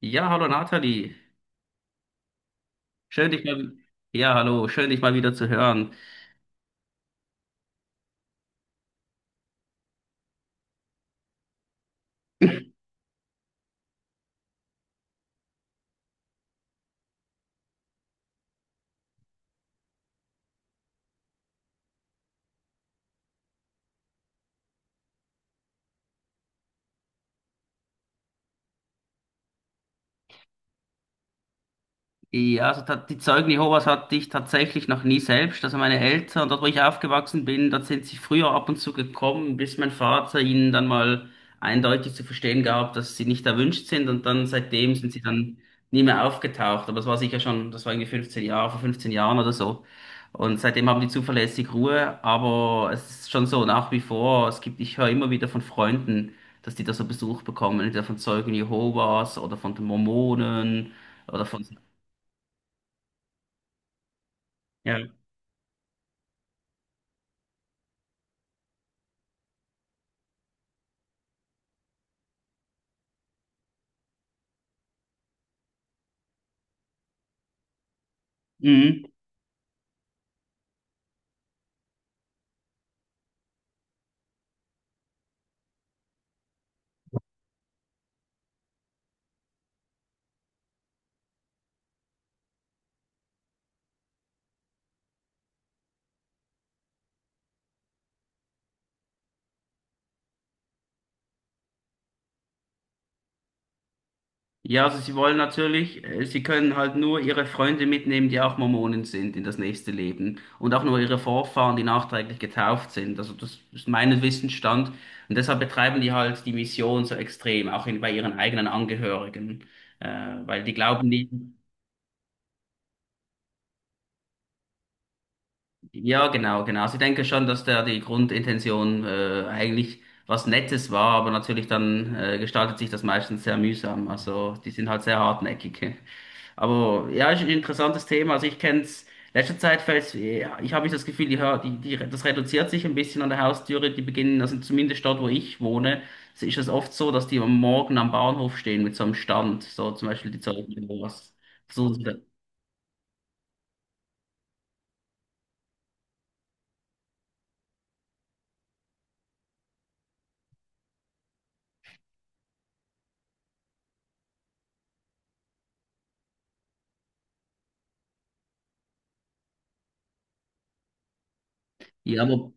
Ja, hallo Nathalie. Schön dich mal, ja, hallo, schön dich mal wieder zu hören. Ja, also die Zeugen Jehovas hatte ich tatsächlich noch nie selbst. Also meine Eltern, dort wo ich aufgewachsen bin, dort sind sie früher ab und zu gekommen, bis mein Vater ihnen dann mal eindeutig zu verstehen gab, dass sie nicht erwünscht sind. Und dann seitdem sind sie dann nie mehr aufgetaucht. Aber das war sicher schon, das war irgendwie 15 Jahre, vor 15 Jahren oder so. Und seitdem haben die zuverlässig Ruhe. Aber es ist schon so nach wie vor, es gibt, ich höre immer wieder von Freunden, dass die da so Besuch bekommen, entweder von Zeugen Jehovas oder von den Mormonen oder von... Ja. Mhm. Ja, also sie wollen natürlich, sie können halt nur ihre Freunde mitnehmen, die auch Mormonen sind, in das nächste Leben und auch nur ihre Vorfahren, die nachträglich getauft sind. Also das ist mein Wissensstand und deshalb betreiben die halt die Mission so extrem, auch in, bei ihren eigenen Angehörigen, äh, weil die glauben nicht. Ja, genau, genau. Sie denken schon, dass da die Grundintention eigentlich was Nettes war, aber natürlich dann gestaltet sich das meistens sehr mühsam. Also die sind halt sehr hartnäckig. Aber ja, ist ein interessantes Thema. Also ich kenne es, letzter Zeit fällt ja, ich habe das Gefühl, die das reduziert sich ein bisschen an der Haustüre. Die beginnen, also zumindest dort, wo ich wohne, ist es oft so, dass die am Morgen am Bahnhof stehen mit so einem Stand, so zum Beispiel die Zeugen oder was. So, so, ja, aber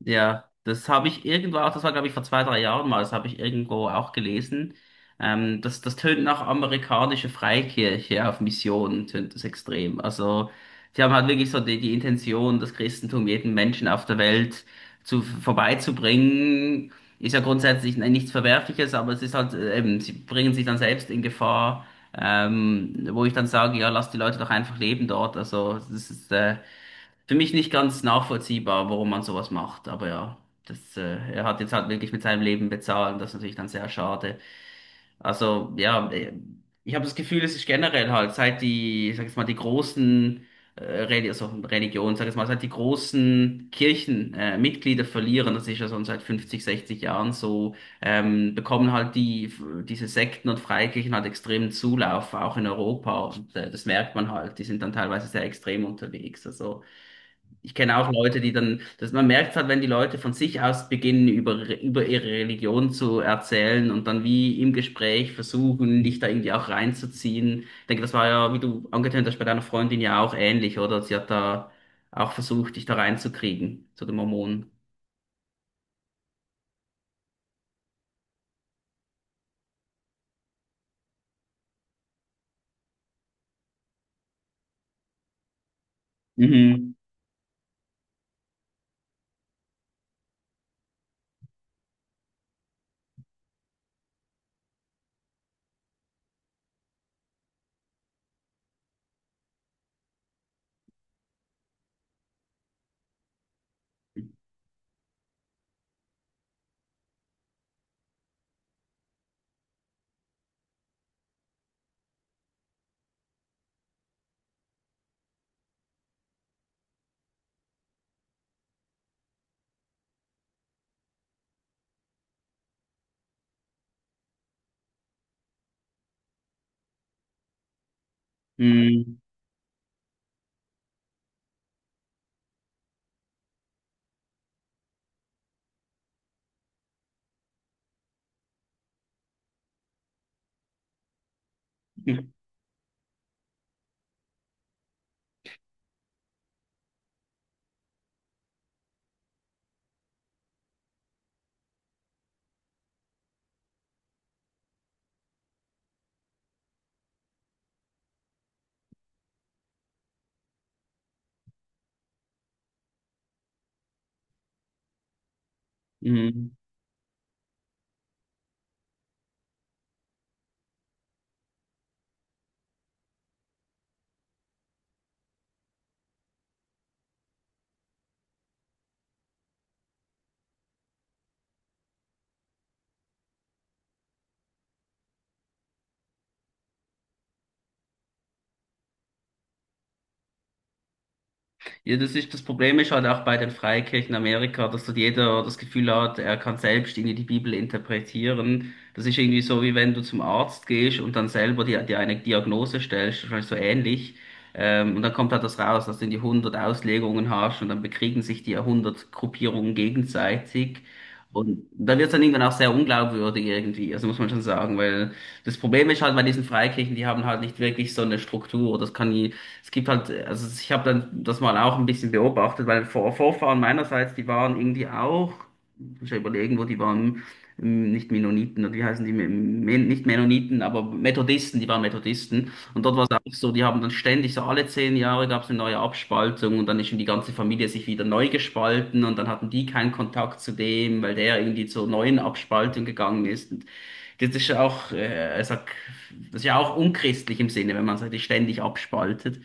ja, das habe ich irgendwo auch, das war glaube ich vor zwei, drei Jahren mal, das habe ich irgendwo auch gelesen. Das tönt nach amerikanische Freikirche auf Mission, tönt das extrem. Also, die haben halt wirklich so die Intention, das Christentum jedem Menschen auf der Welt zu, vorbeizubringen. Ist ja grundsätzlich nichts Verwerfliches, aber es ist halt, eben, sie bringen sich dann selbst in Gefahr, wo ich dann sage, ja, lass die Leute doch einfach leben dort. Also, das ist, für mich nicht ganz nachvollziehbar, warum man sowas macht. Aber ja, er hat jetzt halt wirklich mit seinem Leben bezahlt und das ist natürlich dann sehr schade. Also ja, ich habe das Gefühl, es ist generell halt, seit die, ich sag jetzt mal, die großen also Religionen, sag jetzt mal, seit die großen Kirchen Mitglieder verlieren, das ist ja schon seit 50, 60 Jahren so, bekommen halt diese Sekten und Freikirchen halt extremen Zulauf, auch in Europa. Und das merkt man halt, die sind dann teilweise sehr extrem unterwegs. Also ich kenne auch Leute, die dann, dass man merkt halt, wenn die Leute von sich aus beginnen, über ihre Religion zu erzählen und dann wie im Gespräch versuchen, dich da irgendwie auch reinzuziehen. Ich denke, das war ja, wie du angetönt hast, bei deiner Freundin ja auch ähnlich, oder? Sie hat da auch versucht, dich da reinzukriegen, zu den Mormonen. Mhm. Mhm. Mhm. Ja, das ist, das Problem ist halt auch bei den Freikirchen in Amerika, dass dort jeder das Gefühl hat, er kann selbst irgendwie die Bibel interpretieren. Das ist irgendwie so, wie wenn du zum Arzt gehst und dann selber dir eine Diagnose stellst, wahrscheinlich so ähnlich. Und dann kommt halt das raus, dass du die hundert Auslegungen hast und dann bekriegen sich die ja hundert Gruppierungen gegenseitig. Und dann wird es dann irgendwann auch sehr unglaubwürdig irgendwie, also muss man schon sagen, weil das Problem ist halt bei diesen Freikirchen, die haben halt nicht wirklich so eine Struktur. Das kann, es gibt halt, also ich habe dann das mal auch ein bisschen beobachtet, weil Vorfahren meinerseits, die waren irgendwie auch, ich muss ich ja überlegen, wo die waren, nicht Mennoniten, oder wie heißen die, nicht Mennoniten, aber Methodisten, die waren Methodisten. Und dort war es auch so, die haben dann ständig, so alle 10 Jahre gab es eine neue Abspaltung und dann ist schon die ganze Familie sich wieder neu gespalten und dann hatten die keinen Kontakt zu dem, weil der irgendwie zur neuen Abspaltung gegangen ist. Und das ist ja auch, ich sag, das ist ja auch unchristlich im Sinne, wenn man sich ständig abspaltet.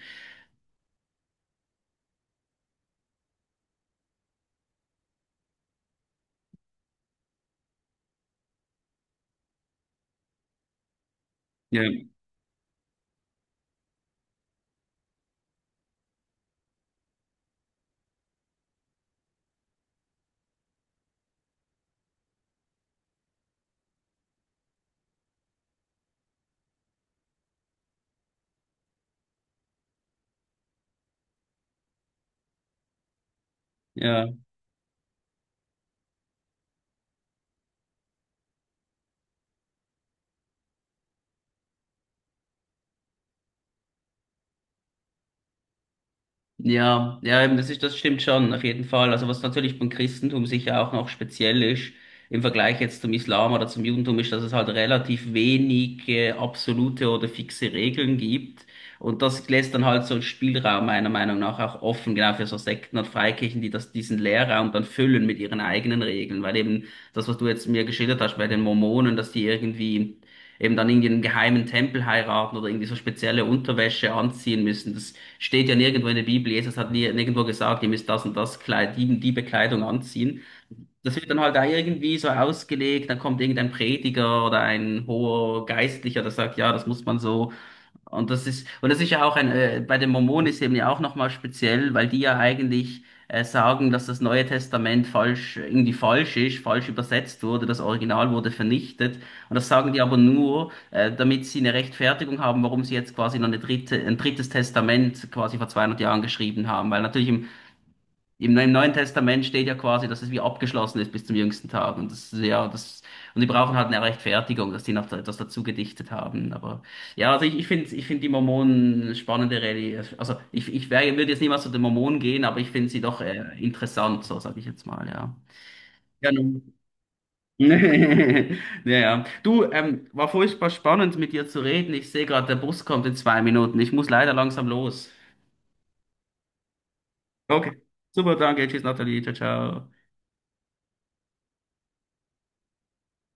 Ja, ja, ja, eben, das ist, das stimmt schon, auf jeden Fall. Also was natürlich beim Christentum sicher auch noch speziell ist, im Vergleich jetzt zum Islam oder zum Judentum, ist, dass es halt relativ wenig absolute oder fixe Regeln gibt. Und das lässt dann halt so einen Spielraum meiner Meinung nach auch offen, genau für so Sekten und Freikirchen, die das, diesen Leerraum dann füllen mit ihren eigenen Regeln. Weil eben das, was du jetzt mir geschildert hast bei den Mormonen, dass die irgendwie eben dann irgendwie einen geheimen Tempel heiraten oder irgendwie so spezielle Unterwäsche anziehen müssen, das steht ja nirgendwo in der Bibel. Jesus hat nie, nirgendwo gesagt, ihr müsst das und das Kleid, die Bekleidung anziehen. Das wird dann halt da irgendwie so ausgelegt, dann kommt irgendein Prediger oder ein hoher Geistlicher, der sagt, ja, das muss man so. Und das ist ja auch ein, bei den Mormonen ist eben ja auch nochmal speziell, weil die ja eigentlich sagen, dass das Neue Testament falsch, irgendwie falsch ist, falsch übersetzt wurde, das Original wurde vernichtet. Und das sagen die aber nur, damit sie eine Rechtfertigung haben, warum sie jetzt quasi noch eine dritte, ein drittes Testament quasi vor 200 Jahren geschrieben haben. Weil natürlich im Neuen Testament steht ja quasi dass es wie abgeschlossen ist bis zum jüngsten Tag. Und das, ist ja, das, und die brauchen halt eine Rechtfertigung, dass die noch etwas dazu gedichtet haben. Aber ja, also ich finde die Mormonen eine spannende Religion. Also ich würde jetzt niemals zu den Mormonen gehen, aber ich finde sie doch interessant, so sage ich jetzt mal, ja. Ja, nun. Ja, Du, war furchtbar spannend mit dir zu reden. Ich sehe gerade, der Bus kommt in 2 Minuten. Ich muss leider langsam los. Okay. Super, danke. Tschüss, Nathalie. Ciao, ciao.